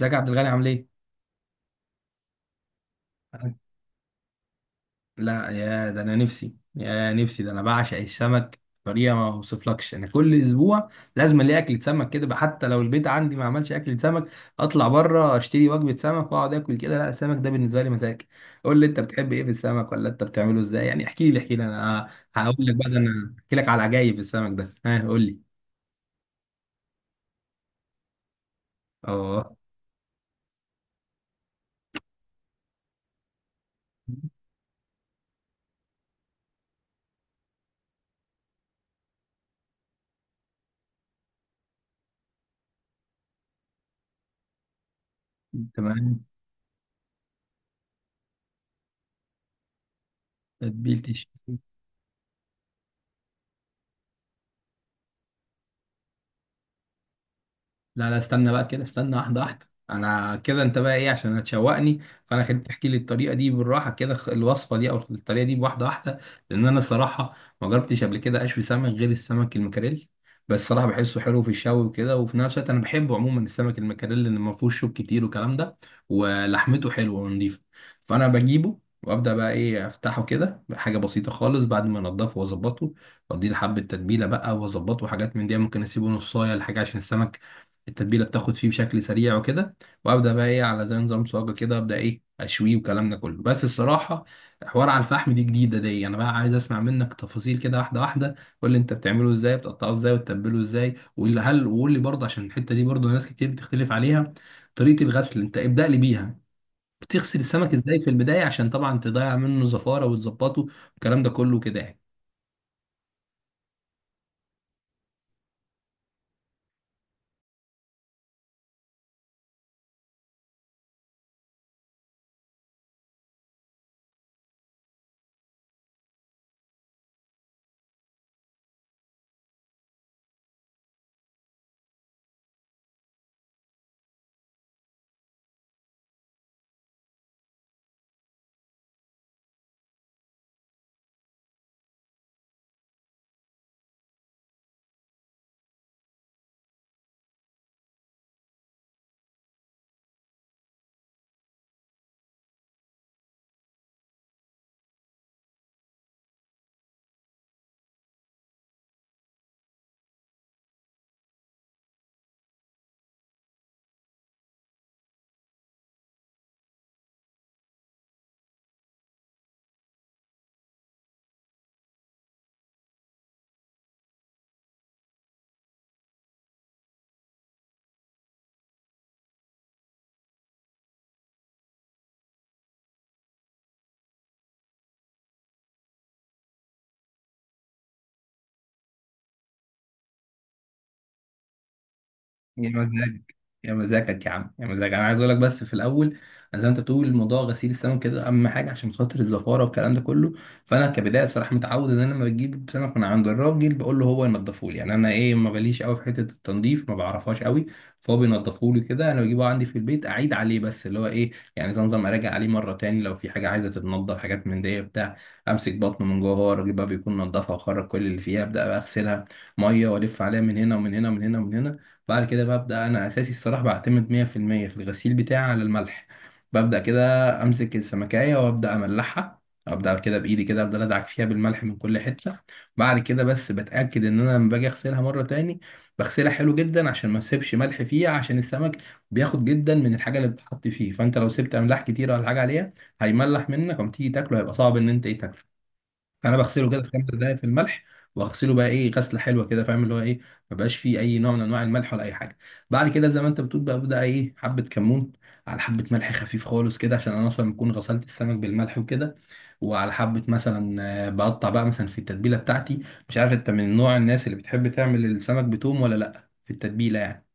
ازيك يا عبد الغني عامل ايه؟ أنا- لا يا ده انا نفسي يا نفسي ده انا بعشق السمك بطريقه ما اوصفلكش. انا كل اسبوع لازم الاقي اكله سمك كده بقى، حتى لو البيت عندي ما عملش اكله سمك اطلع بره اشتري وجبه سمك واقعد اكل كده. لا السمك ده بالنسبه لي مزاج. قول لي انت بتحب ايه في السمك ولا انت بتعمله ازاي، يعني احكي لي احكي لي. انا هقول لك بقى، ده انا احكي لك على عجايب في السمك ده. ها قول لي. اه. تمام. تتبيلتي. لا لا استنى بقى كده، استنى واحدة واحدة. انا كده انت بقى ايه عشان هتشوقني، فانا خليك تحكي لي الطريقة دي بالراحة كده. الوصفة دي او الطريقة دي بواحدة واحدة، لان انا الصراحة ما جربتش قبل كده اشوي سمك غير السمك المكاريل. بس صراحة بحسه حلو في الشوي وكده، وفي نفس الوقت انا بحبه عموما السمك المكاريل لان ما فيهوش شوك كتير والكلام ده، ولحمته حلوة ونضيفة. فانا بجيبه وابدا بقى ايه افتحه كده حاجه بسيطه خالص بعد ما انضفه واظبطه، واديه حبه تتبيله بقى واظبطه، وحاجات من دي ممكن اسيبه نصايه لحاجه عشان السمك التتبيله بتاخد فيه بشكل سريع وكده. وابدا بقى ايه على زي نظام صاجه كده، ابدا ايه اشويه والكلام ده كله. بس الصراحه حوار على الفحم دي جديده. دي انا بقى عايز اسمع منك تفاصيل كده واحده واحده. قول لي انت بتعمله ازاي، بتقطعه ازاي وتتبله ازاي، وقول لي- هل وقول لي برضه عشان الحته دي برضه ناس كتير بتختلف عليها، طريقه الغسل. انت ابدا لي بيها، بتغسل السمك ازاي في البدايه عشان طبعا تضيع منه زفاره وتظبطه والكلام ده كله كده يعني. يا مزاج، يا مزاجك يا عم، يا مزاج انا عايز اقول لك بس في الاول. انا زي ما انت بتقول موضوع غسيل السمك كده اهم حاجه عشان خاطر الزفاره والكلام ده كله. فانا كبدايه صراحه متعود ان انا لما بجيب سمك من عند الراجل بقول له هو ينضفه لي، يعني انا ايه ما بليش قوي في حته التنظيف، ما بعرفهاش قوي. فهو بينضفه لي كده، انا بجيبه عندي في البيت اعيد عليه بس اللي هو ايه، يعني زي نظام اراجع عليه مره تاني لو في حاجه عايزه تتنضف حاجات من دي بتاع. امسك بطنه من جوه، هو الراجل بقى بيكون نضفها وخرج كل اللي فيها، ابدا بقى اغسلها ميه والف عليها من هنا ومن هنا ومن هنا ومن هنا. بعد كده ببدأ أنا أساسي الصراحة بعتمد 100% في المية في الغسيل بتاعي على الملح. ببدأ كده أمسك السمكاية وأبدأ أملحها. أبدأ كده بإيدي كده أفضل أدعك فيها بالملح من كل حتة. بعد كده بس بتأكد إن أنا لما باجي أغسلها مرة تاني بغسلها حلو جدا عشان ما أسيبش ملح فيها، عشان السمك بياخد جدا من الحاجة اللي بتتحط فيه. فأنت لو سبت أملاح كتير ولا حاجة عليها هيملح منك، وما تيجي تاكله هيبقى صعب إن أنت إيه تاكله. انا بغسله كده في خمس دقايق في الملح، واغسله بقى ايه غسله حلوه كده، فاهم اللي هو ايه ما بقاش فيه اي نوع من انواع الملح ولا اي حاجه. بعد كده زي ما انت بتقول بقى ابدا ايه حبه كمون على حبه ملح خفيف خالص كده، عشان انا اصلا بكون غسلت السمك بالملح وكده. وعلى حبه مثلا بقطع بقى مثلا في التتبيله بتاعتي. مش عارف انت من نوع الناس اللي بتحب تعمل السمك بتوم ولا لا في التتبيله يعني.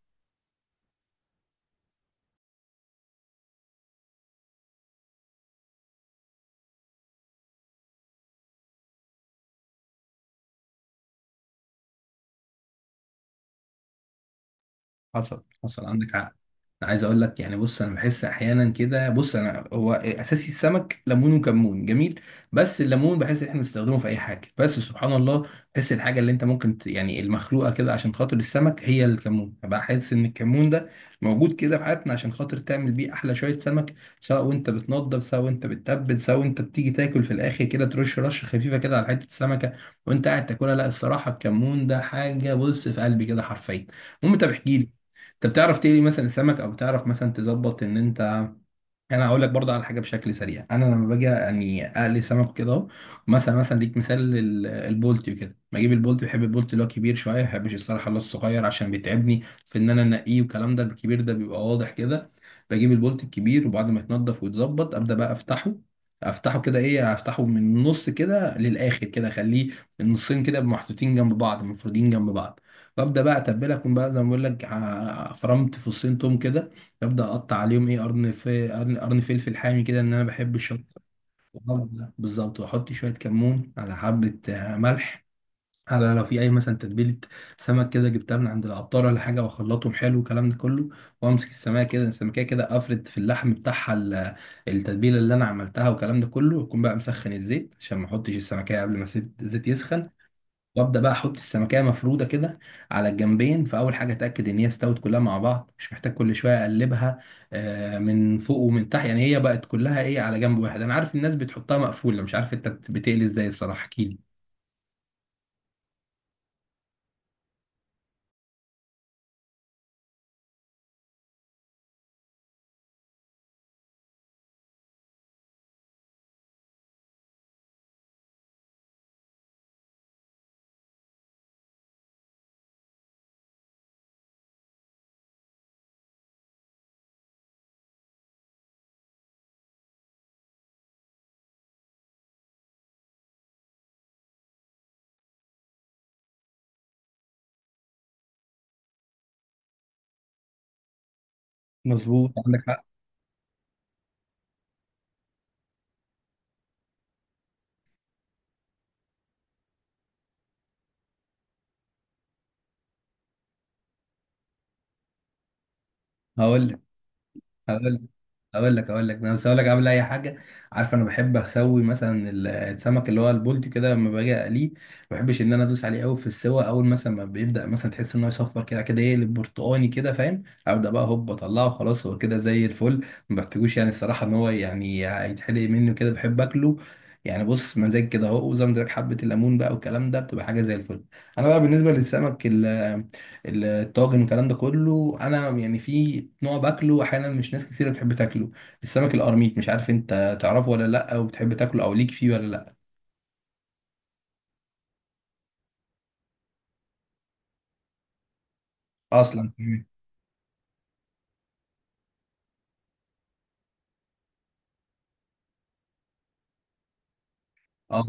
حصل حصل عندك حق. انا عايز اقول لك، يعني بص انا بحس احيانا كده، بص انا هو اساسي السمك ليمون وكمون جميل، بس الليمون بحس ان احنا بنستخدمه في اي حاجه. بس سبحان الله بحس الحاجه اللي انت ممكن يعني المخلوقه كده عشان خاطر السمك هي الكمون بقى. حاسس ان الكمون ده موجود كده في حياتنا عشان خاطر تعمل بيه احلى شويه سمك. سواء وانت بتنضف، سواء وانت بتتبل، سواء وانت بتيجي تاكل في الاخر كده ترش رشه خفيفه كده على حته السمكه وانت قاعد تاكلها. لا الصراحه الكمون ده حاجه بص في قلبي كده حرفيا. المهم طب احكي لي، انت بتعرف تقلي مثلا سمك، او بتعرف مثلا تظبط ان انت. انا هقول لك برضه على حاجه بشكل سريع، انا لما باجي يعني اقلي سمك كده اهو مثلا ليك مثال البولتي وكده. بجيب البولتي، بحب البولتي اللي هو كبير شويه، ما بحبش الصراحه اللي هو الصغير عشان بيتعبني في ان انا انقيه والكلام ده، الكبير ده بيبقى واضح كده. بجيب البولتي الكبير وبعد ما يتنضف ويتظبط ابدا بقى افتحه. افتحه كده ايه افتحه من النص كده للاخر كده، اخليه النصين كده محطوطين جنب بعض مفرودين جنب بعض. وابدا بقى اتبلها، اكون بقى زي ما بقول لك فرمت فصين توم كده، ابدا اقطع عليهم ايه قرن في قرن، قرن فلفل حامي كده ان انا بحب الشطه. والقرن ده بالظبط، واحط شويه كمون على حبه ملح، على لو في اي مثلا تتبيله سمك كده جبتها من عند العطار ولا حاجه، واخلطهم حلو والكلام ده كله. وامسك السمكه كده السمكه كده افرد في اللحم بتاعها التتبيله اللي انا عملتها والكلام ده كله. واكون بقى مسخن الزيت عشان ما احطش السمكه قبل ما الزيت يسخن. وابدا بقى احط السمكيه مفروده كده على الجنبين. فاول حاجه اتاكد ان هي استوت كلها مع بعض، مش محتاج كل شويه اقلبها من فوق ومن تحت، يعني هي بقت كلها ايه على جنب واحد. انا عارف الناس بتحطها مقفوله، مش عارف انت بتقلي ازاي الصراحه احكي لي. مظبوط عندك حق. هقول لك هقول هقول لك انا بس هقول لك قبل اي حاجه. عارف انا بحب اسوي مثلا السمك اللي هو البولتي كده لما باجي اقليه، ما بحبش ان انا ادوس عليه قوي في السوا. اول مثلا ما بيبدا مثلا تحس ان هو يصفر كده، كده يقلب برتقاني كده، فاهم، ابدا بقى هوب اطلعه خلاص. هو كده زي الفل، ما بحتاجوش يعني الصراحه ان هو يعني يتحرق مني كده، بحب اكله يعني. بص مزاج كده اهو، وزي ما قلت لك حبه الليمون بقى والكلام ده بتبقى حاجه زي الفل. انا بقى بالنسبه للسمك الطاجن الكلام ده كله، انا يعني في نوع باكله احيانا مش ناس كتير بتحب تاكله، السمك القرميط. مش عارف انت تعرفه ولا لا، وبتحب تاكله او ليك فيه ولا لا. اصلا كمان. اه.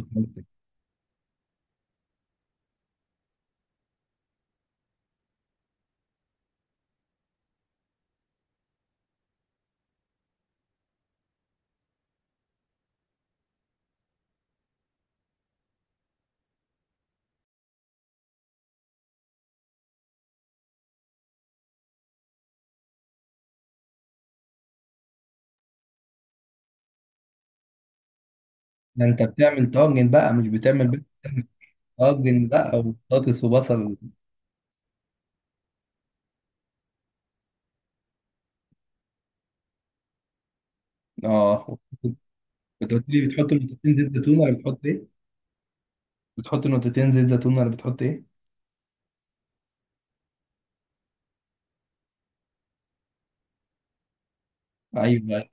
ده انت بتعمل طاجن بقى مش بتعمل بس. طاجن بقى وبطاطس وبصل. اه. كنت قلت لي بتحط نقطتين زيت زيتون ولا بتحط ايه؟ بتحط نقطتين زيت زيتون ولا بتحط ايه؟ ايوه.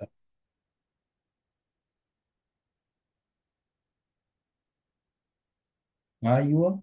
ايوه.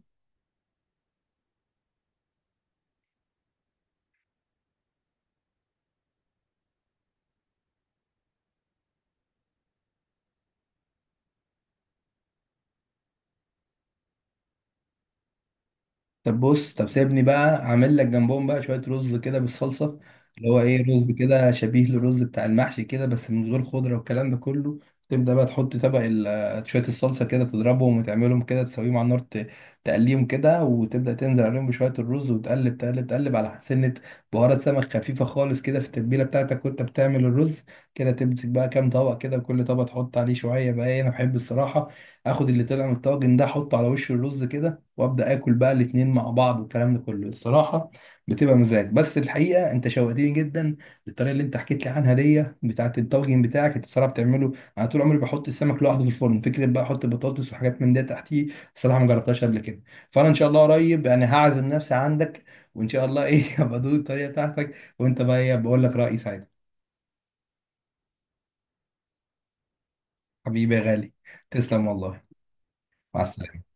طب بص، طب سيبني بقى اعمل لك جنبهم بقى شويه رز كده بالصلصه، اللي هو ايه رز كده شبيه للرز بتاع المحشي كده، بس من غير خضره والكلام ده كله. تبدا بقى تحط طبق شويه الصلصه كده، تضربهم وتعملهم كده، تسويهم على النار تقليهم كده، وتبدا تنزل عليهم بشويه الرز، وتقلب تقلب تقلب على سنه بهارات سمك خفيفه خالص كده في التتبيله بتاعتك وانت بتعمل الرز كده. تمسك بقى كام طبق كده، وكل طبق تحط عليه شويه بقى إيه، انا بحب الصراحه اخد اللي طلع من الطاجن ده احطه على وش الرز كده، وابدا اكل بقى الاتنين مع بعض والكلام ده كله. الصراحه بتبقى مزاج. بس الحقيقه انت شوقتني جدا للطريقه اللي انت حكيت لي عنها دي بتاعت الطاجن بتاعك انت صراحه بتعمله. انا طول عمري بحط السمك لوحده في الفرن، فكره بقى احط بطاطس وحاجات من ده تحتيه الصراحه ما جربتهاش قبل كده. فانا ان شاء الله قريب يعني هعزم نفسي عندك، وان شاء الله ايه هبقى ادوق الطريقه بتاعتك، وانت بقى ايه بقول لك رايي ساعتها. حبيبي يا غالي، تسلم والله. مع السلامه.